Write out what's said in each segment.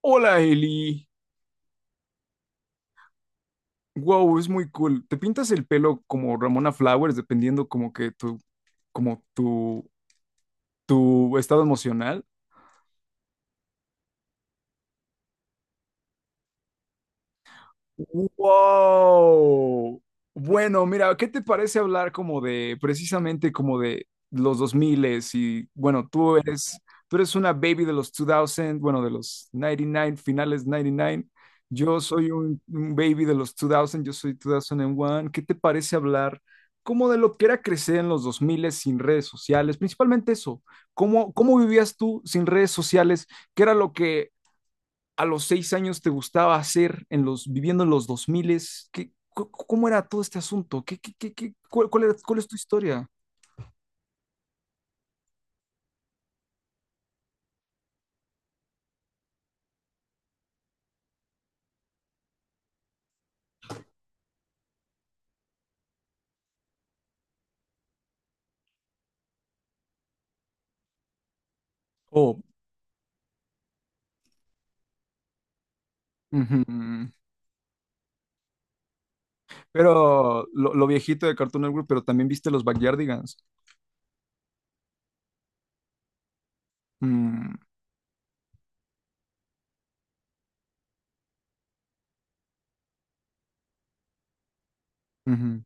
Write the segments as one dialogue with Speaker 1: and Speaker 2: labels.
Speaker 1: Hola Eli, wow, es muy cool. Te pintas el pelo como Ramona Flowers, dependiendo como que como tu, tu estado emocional. Wow. Bueno, mira, ¿qué te parece hablar como de precisamente como de los 2000? Y bueno, tú eres una baby de los 2000, bueno, de los 99, finales 99. Yo soy un baby de los 2000, yo soy 2001. ¿Qué te parece hablar como de lo que era crecer en los 2000 sin redes sociales? Principalmente eso. ¿Cómo vivías tú sin redes sociales? ¿Qué era lo que a los 6 años te gustaba hacer en los, viviendo en los dos miles? ¿Qué, ¿Cómo era todo este asunto? ¿Cuál es tu historia? Oh. Ujú. Pero lo viejito de Cartoon Network, pero también viste los Backyardigans. Mm. Ujú.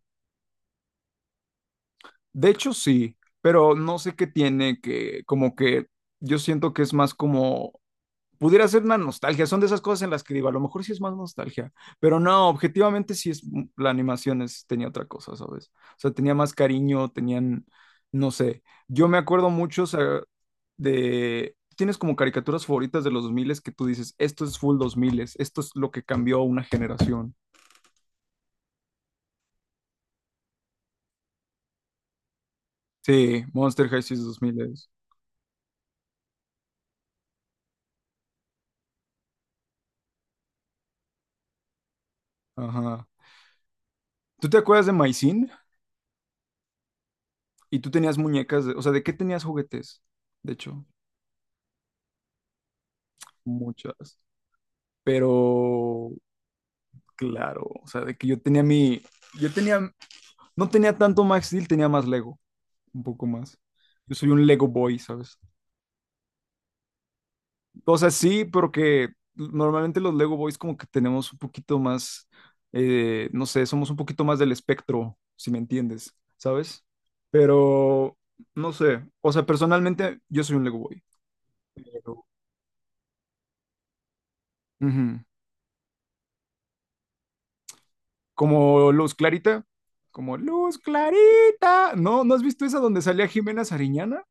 Speaker 1: De hecho, sí, pero no sé qué tiene, que como que yo siento que es más como pudiera ser una nostalgia. Son de esas cosas en las que digo, a lo mejor sí es más nostalgia, pero no, objetivamente sí la animación es, tenía otra cosa, ¿sabes? O sea, tenía más cariño, tenían, no sé, yo me acuerdo mucho, o sea, tienes como caricaturas favoritas de los 2000 que tú dices, esto es full 2000, esto es lo que cambió una generación. Sí, Monster High 2000. Ajá. ¿Tú te acuerdas de Maisin? Y tú tenías muñecas, o sea, ¿de qué tenías juguetes? De hecho, muchas. Pero claro, o sea, de que yo tenía mi, yo tenía, no tenía tanto Max Steel, tenía más Lego, un poco más. Yo soy un Lego Boy, ¿sabes? O sea, sí, pero que normalmente los Lego Boys como que tenemos un poquito más, no sé, somos un poquito más del espectro, si me entiendes, ¿sabes? Pero, no sé, o sea, personalmente yo soy un Lego Boy. Pero- Ujú. Como Luz Clarita, como Luz Clarita. ¿No? ¿No has visto esa donde salía Jimena Sariñana?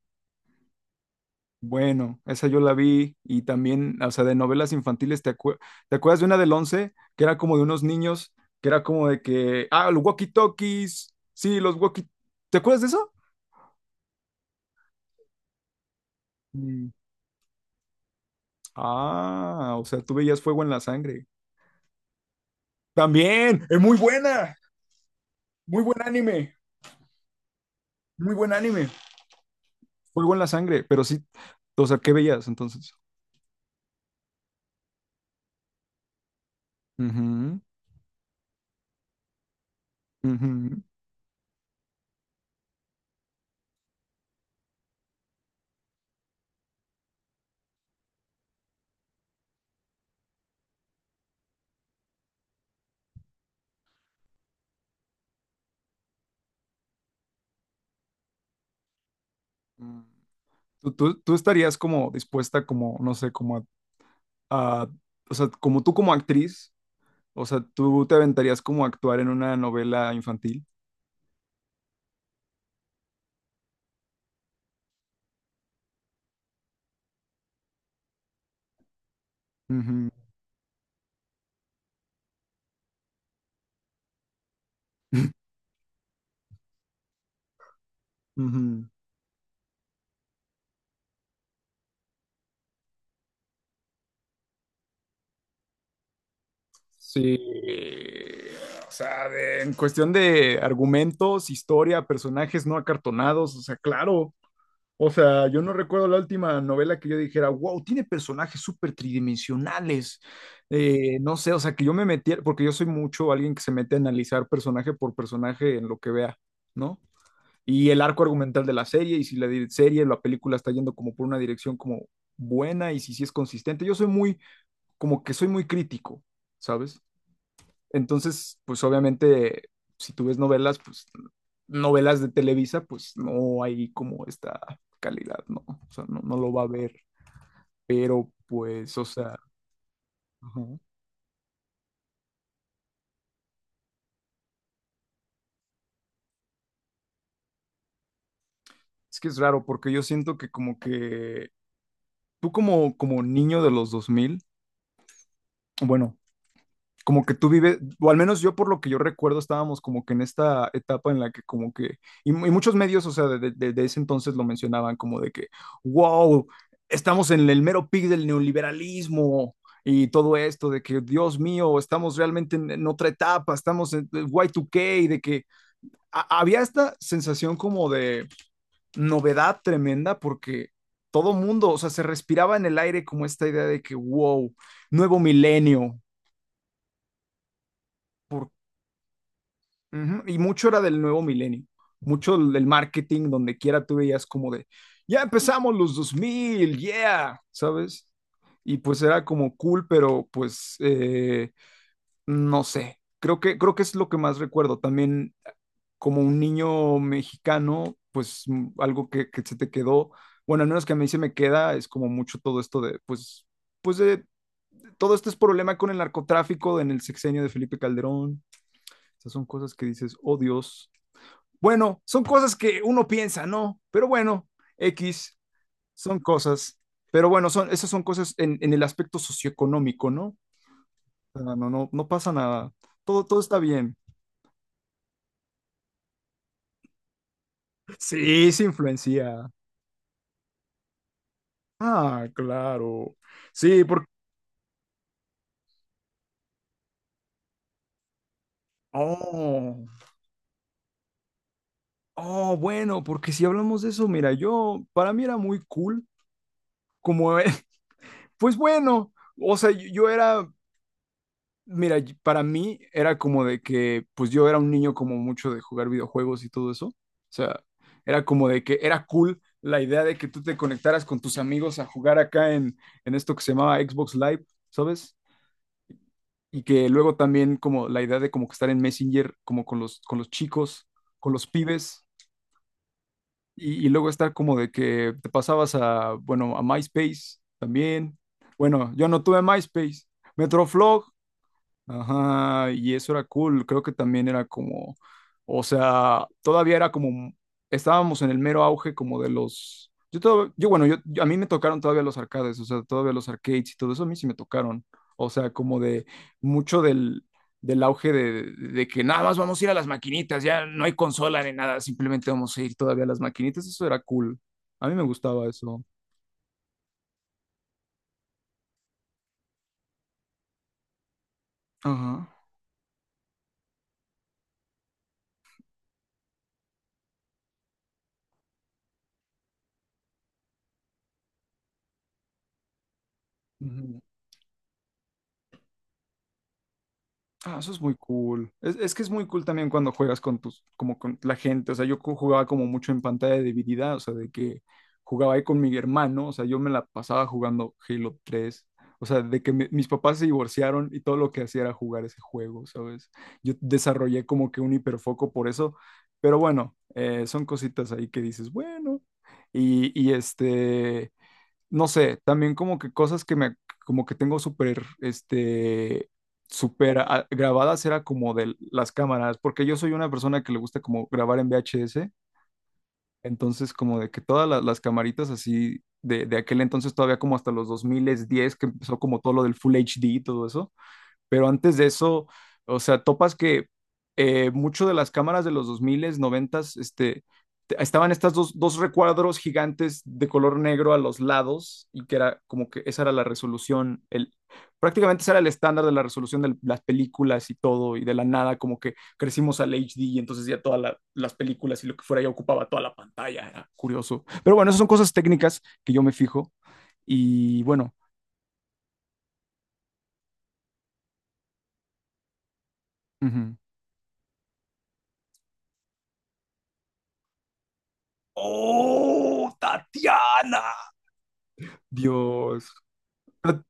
Speaker 1: Bueno, esa yo la vi. Y también, o sea, de novelas infantiles, ¿te acuerdas de una del 11 que era como de unos niños, que era como de que, ah, los walkie-talkies, sí, los walkie, te acuerdas de eso? Mm. Ah, o sea, tú veías fuego en la sangre. También, es muy buena, muy buen anime, muy buen anime, fuego en la sangre, pero sí, o sea, ¿qué veías entonces? Ujú, ujú. Mm. ¿Tú estarías como dispuesta, como, no sé, como a o sea, como tú como actriz? O sea, ¿tú te aventarías como a actuar en una novela infantil? Ujú, ujú. Sí, o sea, en cuestión de argumentos, historia, personajes no acartonados, o sea, claro. O sea, yo no recuerdo la última novela que yo dijera, wow, tiene personajes súper tridimensionales. No sé, o sea, que yo me metiera, porque yo soy mucho alguien que se mete a analizar personaje por personaje en lo que vea, ¿no? Y el arco argumental de la serie, y si la película está yendo como por una dirección como buena, y si sí es consistente. Como que soy muy crítico, ¿sabes? Entonces, pues obviamente, si tú ves novelas, pues novelas de Televisa, pues no hay como esta calidad, ¿no? O sea, no, no lo va a ver, pero pues, o sea, ajá. Es que es raro porque yo siento que como que como niño de los dos mil, bueno, como que tú vives, o al menos yo por lo que yo recuerdo, estábamos como que en esta etapa en la que como que, y muchos medios, o sea, de ese entonces lo mencionaban como de que, wow, estamos en el mero pic del neoliberalismo y todo esto, de que, Dios mío, estamos realmente en otra etapa, estamos en Y2K, de que había esta sensación como de novedad tremenda porque todo mundo, o sea, se respiraba en el aire como esta idea de que, wow, nuevo milenio. Ujú. Y mucho era del nuevo milenio, mucho del marketing, donde quiera tú veías como de, ya empezamos los dos mil, yeah, ¿sabes? Y pues era como cool, pero pues, no sé, creo que es lo que más recuerdo. También, como un niño mexicano, pues, algo que se te quedó, bueno, al menos que a mí se me queda, es como mucho todo esto de, pues, de todo este es problema con el narcotráfico en el sexenio de Felipe Calderón. Esas son cosas que dices, oh Dios. Bueno, son cosas que uno piensa, ¿no? Pero bueno, X, son cosas. Pero bueno, esas son cosas en el aspecto socioeconómico, ¿no? O sea, no, no, no pasa nada. Todo, todo está bien. Sí, se influencia. Ah, claro. Sí, porque... Oh, oh, bueno, porque si hablamos de eso, mira, yo, para mí era muy cool, como, pues bueno, o sea, yo era... Mira, para mí era como de que, pues yo era un niño como mucho de jugar videojuegos y todo eso. O sea, era como de que era cool la idea de que tú te conectaras con tus amigos a jugar acá, en esto que se llamaba Xbox Live, ¿sabes? Y que luego también, como la idea de como que estar en Messenger, como con los, chicos, con los pibes. Y luego estar como de que te pasabas a, bueno, a MySpace también. Bueno, yo no tuve MySpace. Metroflog. Ajá, y eso era cool, creo que también era como, o sea, todavía era como, estábamos en el mero auge como de los, yo todo, yo bueno, yo- a mí me tocaron todavía los arcades, o sea, todavía los arcades y todo eso a mí sí me tocaron, o sea, como de mucho del auge de que nada más vamos a ir a las maquinitas, ya no hay consola ni nada, simplemente vamos a ir todavía a las maquinitas, eso era cool, a mí me gustaba eso. Ajá. Ah, eso es muy cool. Es que es muy cool también cuando juegas con tus, como con la gente. O sea, jugaba como mucho en pantalla dividida, o sea, de que jugaba ahí con mi hermano, o sea, yo me la pasaba jugando Halo 3. O sea, de que mis papás se divorciaron y todo lo que hacía era jugar ese juego, ¿sabes? Yo desarrollé como que un hiperfoco por eso, pero bueno, son cositas ahí que dices, bueno. Y este, no sé, también como que cosas que me, como que tengo súper, este, súper grabadas, era como de las cámaras, porque yo soy una persona que le gusta como grabar en VHS. Entonces, como de que todas las camaritas así de, aquel entonces, todavía como hasta los 2010 que empezó como todo lo del Full HD y todo eso, pero antes de eso, o sea, topas que, mucho de las cámaras de los dos mil 90, estaban estas dos recuadros gigantes de color negro a los lados, y que era como que esa era la resolución, prácticamente ese era el estándar de la resolución de las películas y todo, y de la nada como que crecimos al HD, y entonces ya todas las películas y lo que fuera ya ocupaba toda la pantalla. Era curioso. Pero bueno, esas son cosas técnicas que yo me fijo, y bueno. Ujú. ¡Oh, Tatiana! Dios. Pero-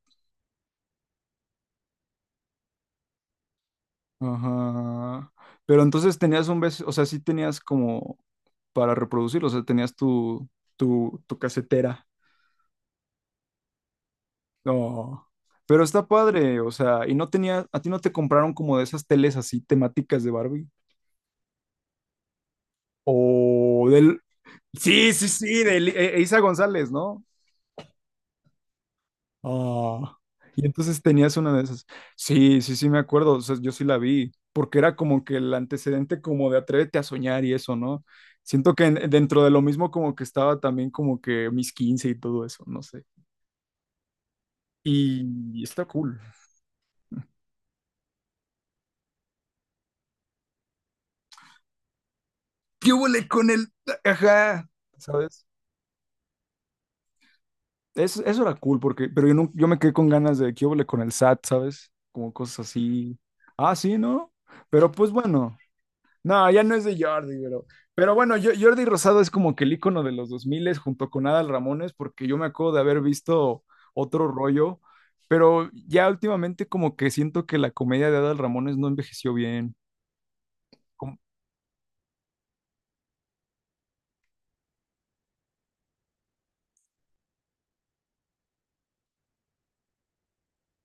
Speaker 1: Ajá. Pero entonces tenías un beso, o sea, sí tenías como para reproducir, o sea, tenías tu casetera. No. Pero está padre, o sea, y no tenía, a ti no te compraron como de esas teles así temáticas de Barbie. O del... Sí, sí, sí, de Eiza González, ¿no? Ah, y entonces tenías una de esas. Sí, sí, sí, me acuerdo. O sea, yo sí la vi, porque era como que el antecedente como de Atrévete a soñar y eso, ¿no? Siento que dentro de lo mismo, como que estaba también como que mis 15 y todo eso, no sé. Y está cool. ¿Qué huele con el... Ajá, ¿sabes? Eso era cool, porque, pero yo, no, yo me quedé con ganas de qué huele con el SAT, ¿sabes? Como cosas así. Ah, sí, ¿no? Pero pues bueno. No, ya no es de Jordi, pero, bueno, Jordi Rosado es como que el icono de los 2000 junto con Adal Ramones, porque yo me acuerdo de haber visto otro rollo, pero ya últimamente como que siento que la comedia de Adal Ramones no envejeció bien. Como-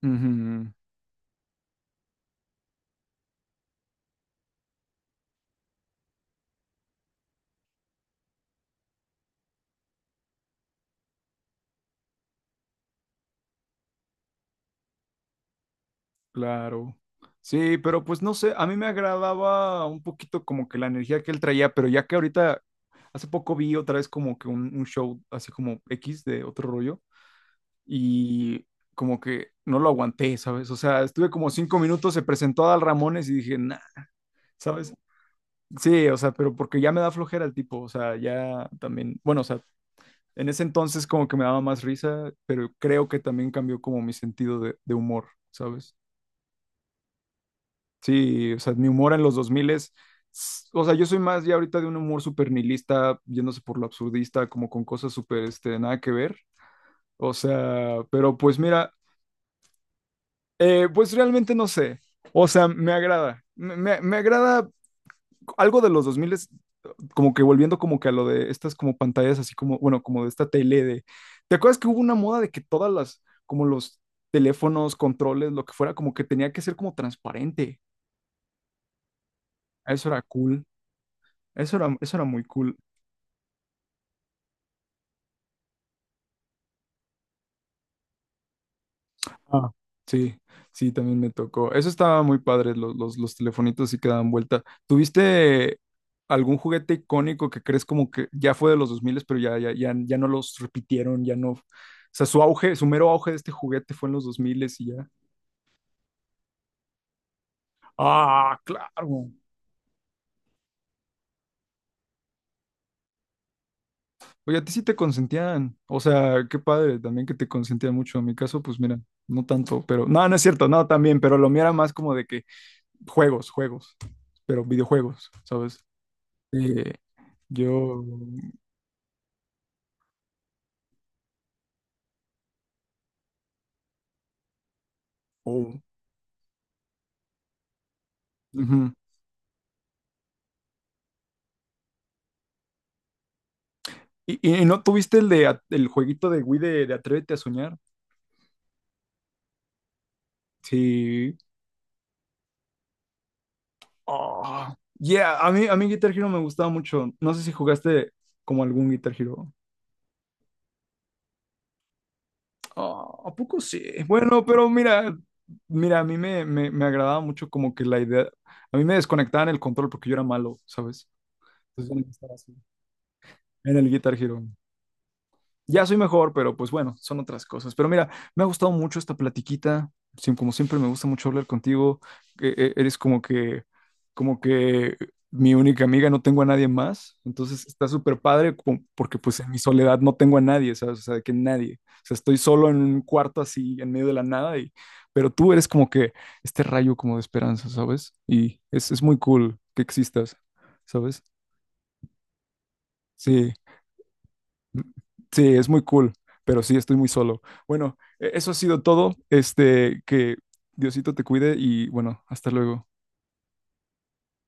Speaker 1: Ujú, claro. Sí, pero pues no sé, a mí me agradaba un poquito como que la energía que él traía, pero ya que ahorita, hace poco vi otra vez como que un show así como X de otro rollo. Y como que no lo aguanté, ¿sabes? O sea, estuve como 5 minutos, se presentó a Dal Ramones y dije, nah, ¿sabes? Sí, o sea, pero porque ya me da flojera el tipo, o sea, ya también, bueno, o sea, en ese entonces como que me daba más risa, pero creo que también cambió como mi sentido de humor, ¿sabes? Sí, o sea, mi humor en los 2000 es, o sea, yo soy más ya ahorita de un humor súper nihilista, yéndose por lo absurdista, como con cosas súper, este, nada que ver. O sea, pero pues mira, pues realmente no sé. O sea, me agrada. Me agrada algo de los 2000, como que volviendo como que a lo de estas como pantallas, así como, bueno, como de esta tele de... ¿Te acuerdas que hubo una moda de que todas las, como los teléfonos, controles, lo que fuera, como que tenía que ser como transparente? Eso era cool. Eso era muy cool. Ah, sí, sí, también me tocó. Eso estaba muy padre, los telefonitos sí que daban vuelta. ¿Tuviste algún juguete icónico que crees como que ya fue de los 2000, pero ya no los repitieron, ya no? O sea, su mero auge de este juguete fue en los 2000, y ya. Ah, claro. Oye, a ti sí te consentían. O sea, qué padre también que te consentían mucho. En mi caso, pues mira, no tanto, pero... No, no es cierto, no, también, pero lo mío era más como de que juegos, juegos, pero videojuegos, ¿sabes? Eh, yo... Oh, ujú. ¿Y no tuviste el jueguito de Wii de Atrévete a soñar? Sí. Ah, yeah, a mí Guitar Hero me gustaba mucho. No sé si jugaste como algún Guitar Hero. Ah, ¿a poco sí? Bueno, pero mira, mira, a mí me agradaba mucho como que la idea. A mí me desconectaban el control porque yo era malo, ¿sabes? Entonces yo no estaba así. En el Guitar Hero. Ya soy mejor, pero pues bueno, son otras cosas. Pero mira, me ha gustado mucho esta platiquita. Como siempre, me gusta mucho hablar contigo. Eres como que, mi única amiga, no tengo a nadie más. Entonces está súper padre porque pues en mi soledad no tengo a nadie, ¿sabes? O sea, de que nadie. O sea, estoy solo en un cuarto así, en medio de la nada. Pero tú eres como que este rayo como de esperanza, ¿sabes? Y es muy cool que existas, ¿sabes? Sí. Sí, es muy cool, pero sí, estoy muy solo. Bueno, eso ha sido todo. Que Diosito te cuide y bueno, hasta luego.